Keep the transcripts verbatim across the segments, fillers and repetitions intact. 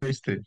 Dois, três.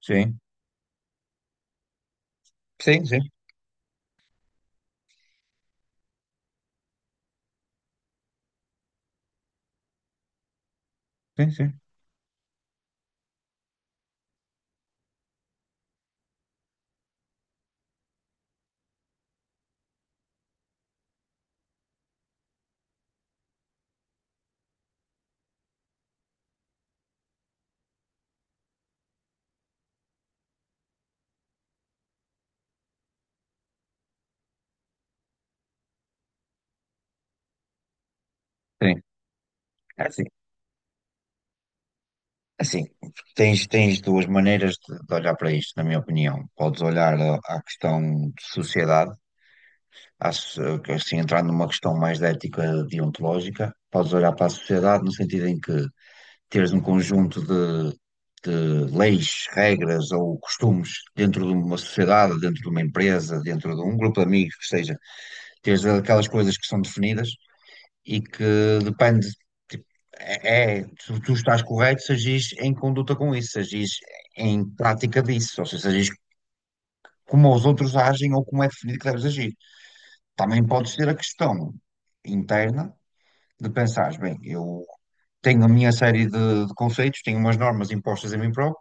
Sim, sim, sim, sim, sim. Sim. Assim, assim, tens, tens duas maneiras de, de olhar para isto, na minha opinião. Podes olhar a- à questão de sociedade, à so- assim, entrando numa questão mais de ética deontológica, podes olhar para a sociedade no sentido em que teres um conjunto de, de leis, regras ou costumes dentro de uma sociedade, dentro de uma empresa, dentro de um grupo de amigos, que seja, teres aquelas coisas que são definidas e que depende, tipo, é, é, tu, tu estás correto se agis em conduta com isso, se agis em prática disso, ou seja, se agis como os outros agem ou como é definido que deves agir. Também podes ter a questão interna de pensares, bem, eu tenho a minha série de, de conceitos, tenho umas normas impostas a mim próprio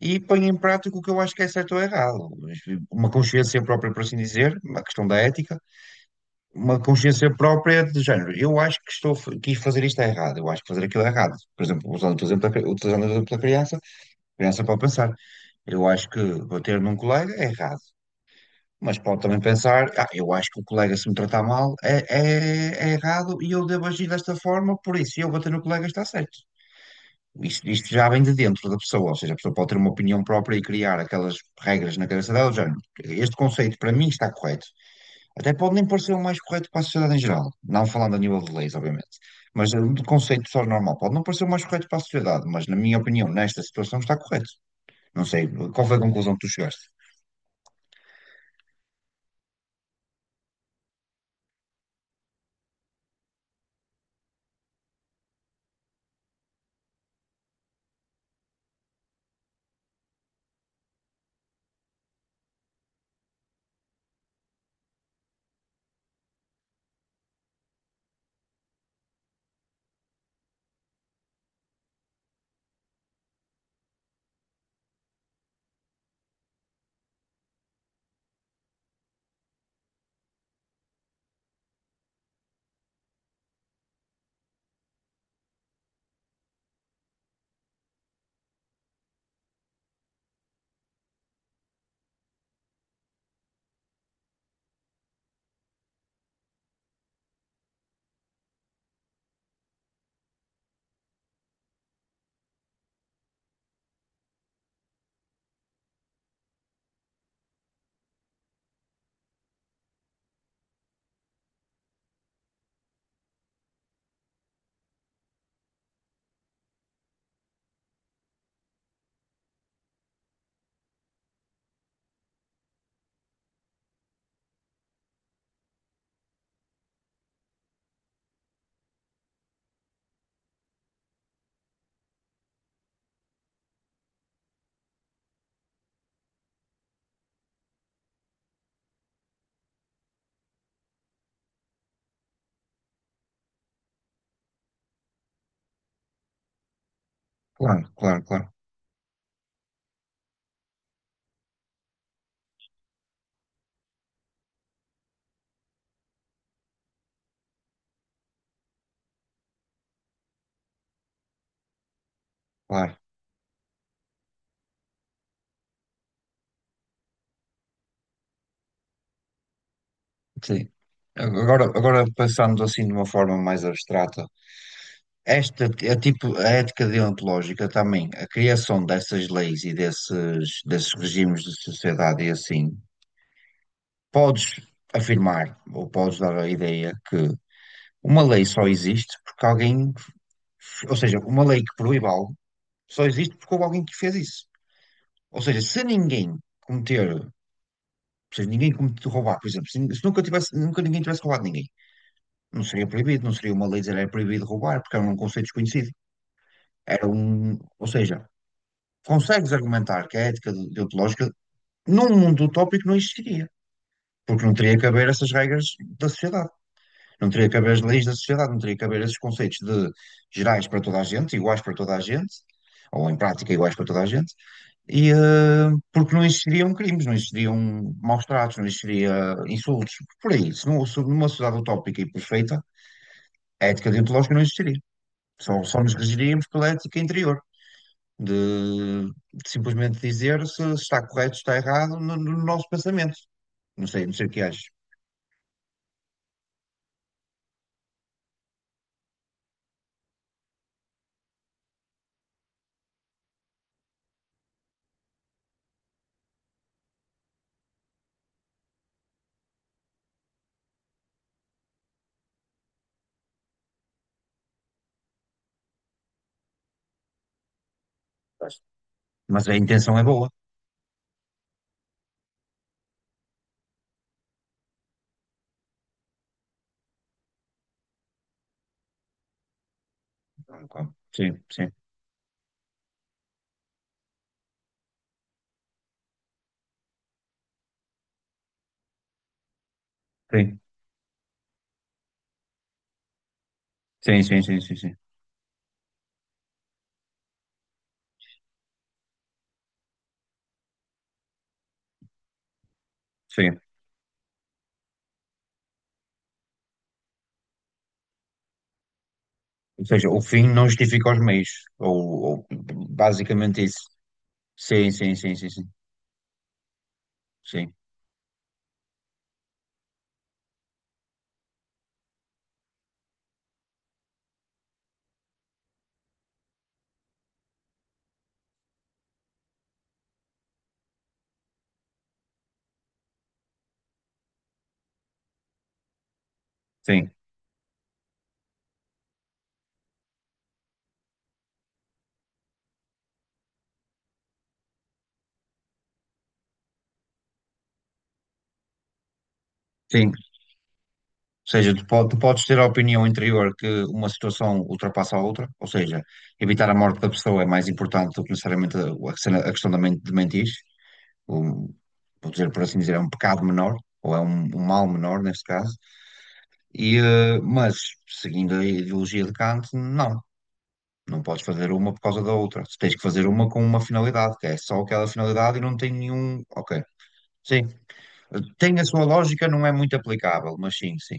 e ponho em prática o que eu acho que é certo ou errado. Uma consciência própria, por assim dizer, uma questão da ética uma consciência própria de género. Eu acho que estou, a quis fazer isto é errado, eu acho que fazer aquilo é errado. Por exemplo, usando o teu exemplo, da cri- utilizando o exemplo da criança, a criança pode pensar, eu acho que bater num colega é errado. Mas pode também pensar, ah, eu acho que o colega se me tratar mal é, é, é errado e eu devo agir desta forma, por isso eu bater no colega está certo. Isto, isto já vem de dentro da pessoa, ou seja, a pessoa pode ter uma opinião própria e criar aquelas regras na cabeça dela, do género. Este conceito para mim está correto. Até pode nem parecer o mais correto para a sociedade em geral, não falando a nível de leis, obviamente, mas é um conceito só normal. Pode não parecer o mais correto para a sociedade, mas na minha opinião, nesta situação está correto. Não sei, qual foi a conclusão que tu chegaste? Claro, claro, claro, claro. Sim. Agora, agora pensando assim de uma forma mais abstrata, esta é tipo a ética deontológica também, a criação dessas leis e desses, desses regimes de sociedade e assim. Podes afirmar ou podes dar a ideia que uma lei só existe porque alguém, ou seja, uma lei que proíbe algo só existe porque houve alguém que fez isso. Ou seja, se ninguém cometer, ou seja, ninguém cometer roubar, por exemplo, se, se nunca tivesse, nunca ninguém tivesse roubado ninguém, não seria proibido, não seria uma lei dizer era proibido roubar, porque era um conceito desconhecido. Era um, ou seja, consegues argumentar que a ética de- deontológica num mundo utópico não existiria, porque não teria que haver essas regras da sociedade. Não teria que haver as leis da sociedade, não teria que haver esses conceitos de gerais para toda a gente, iguais para toda a gente, ou em prática iguais para toda a gente, e, eh, porque não existiriam crimes, não existiriam maus-tratos, não existiria insultos, por aí. Se, não, se numa sociedade utópica e perfeita, a ética deontológica não existiria. Só, só nos regiríamos pela ética interior, de, de simplesmente dizer se está correto, se está errado no, no nosso pensamento. Não sei, não sei o que achas. Mas a intenção é boa. Sim, sim, sim. Sim, sim, sim, sim, sim. Sim. Ou seja, o fim não justifica os meios. Ou, ou basicamente isso. Sim, sim, sim, sim, sim. Sim, sim, sim. Ou seja, tu, po- tu podes ter a opinião interior que uma situação ultrapassa a outra, ou seja, evitar a morte da pessoa é mais importante do que necessariamente a, a cena- a questão da men- de mentir. Um, vou dizer, por assim dizer, é um pecado menor, ou é um, um mal menor neste caso. E, eh, mas, seguindo a ideologia de Kant, não. Não podes fazer uma por causa da outra. Tens que fazer uma com uma finalidade, que é só aquela finalidade e não tem nenhum. Ok. Sim. Tem a sua lógica, não é muito aplicável, mas sim, sim.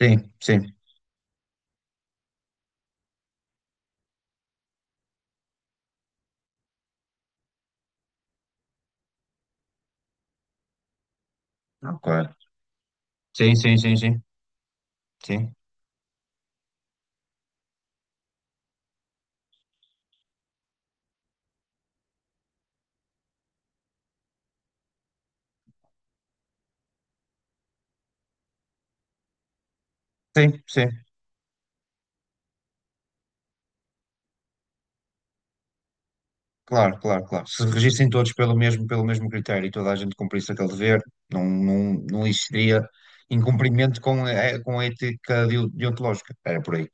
Sim, sim. Ok. Sim, sim, sim, sim. Sim, sim, sim. Claro, claro, claro. Se regissem todos pelo mesmo, pelo mesmo critério e toda a gente cumprisse aquele dever, não, não, não existiria incumprimento com a, com a ética deo- deontológica. Era por aí.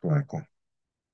Claro, claro.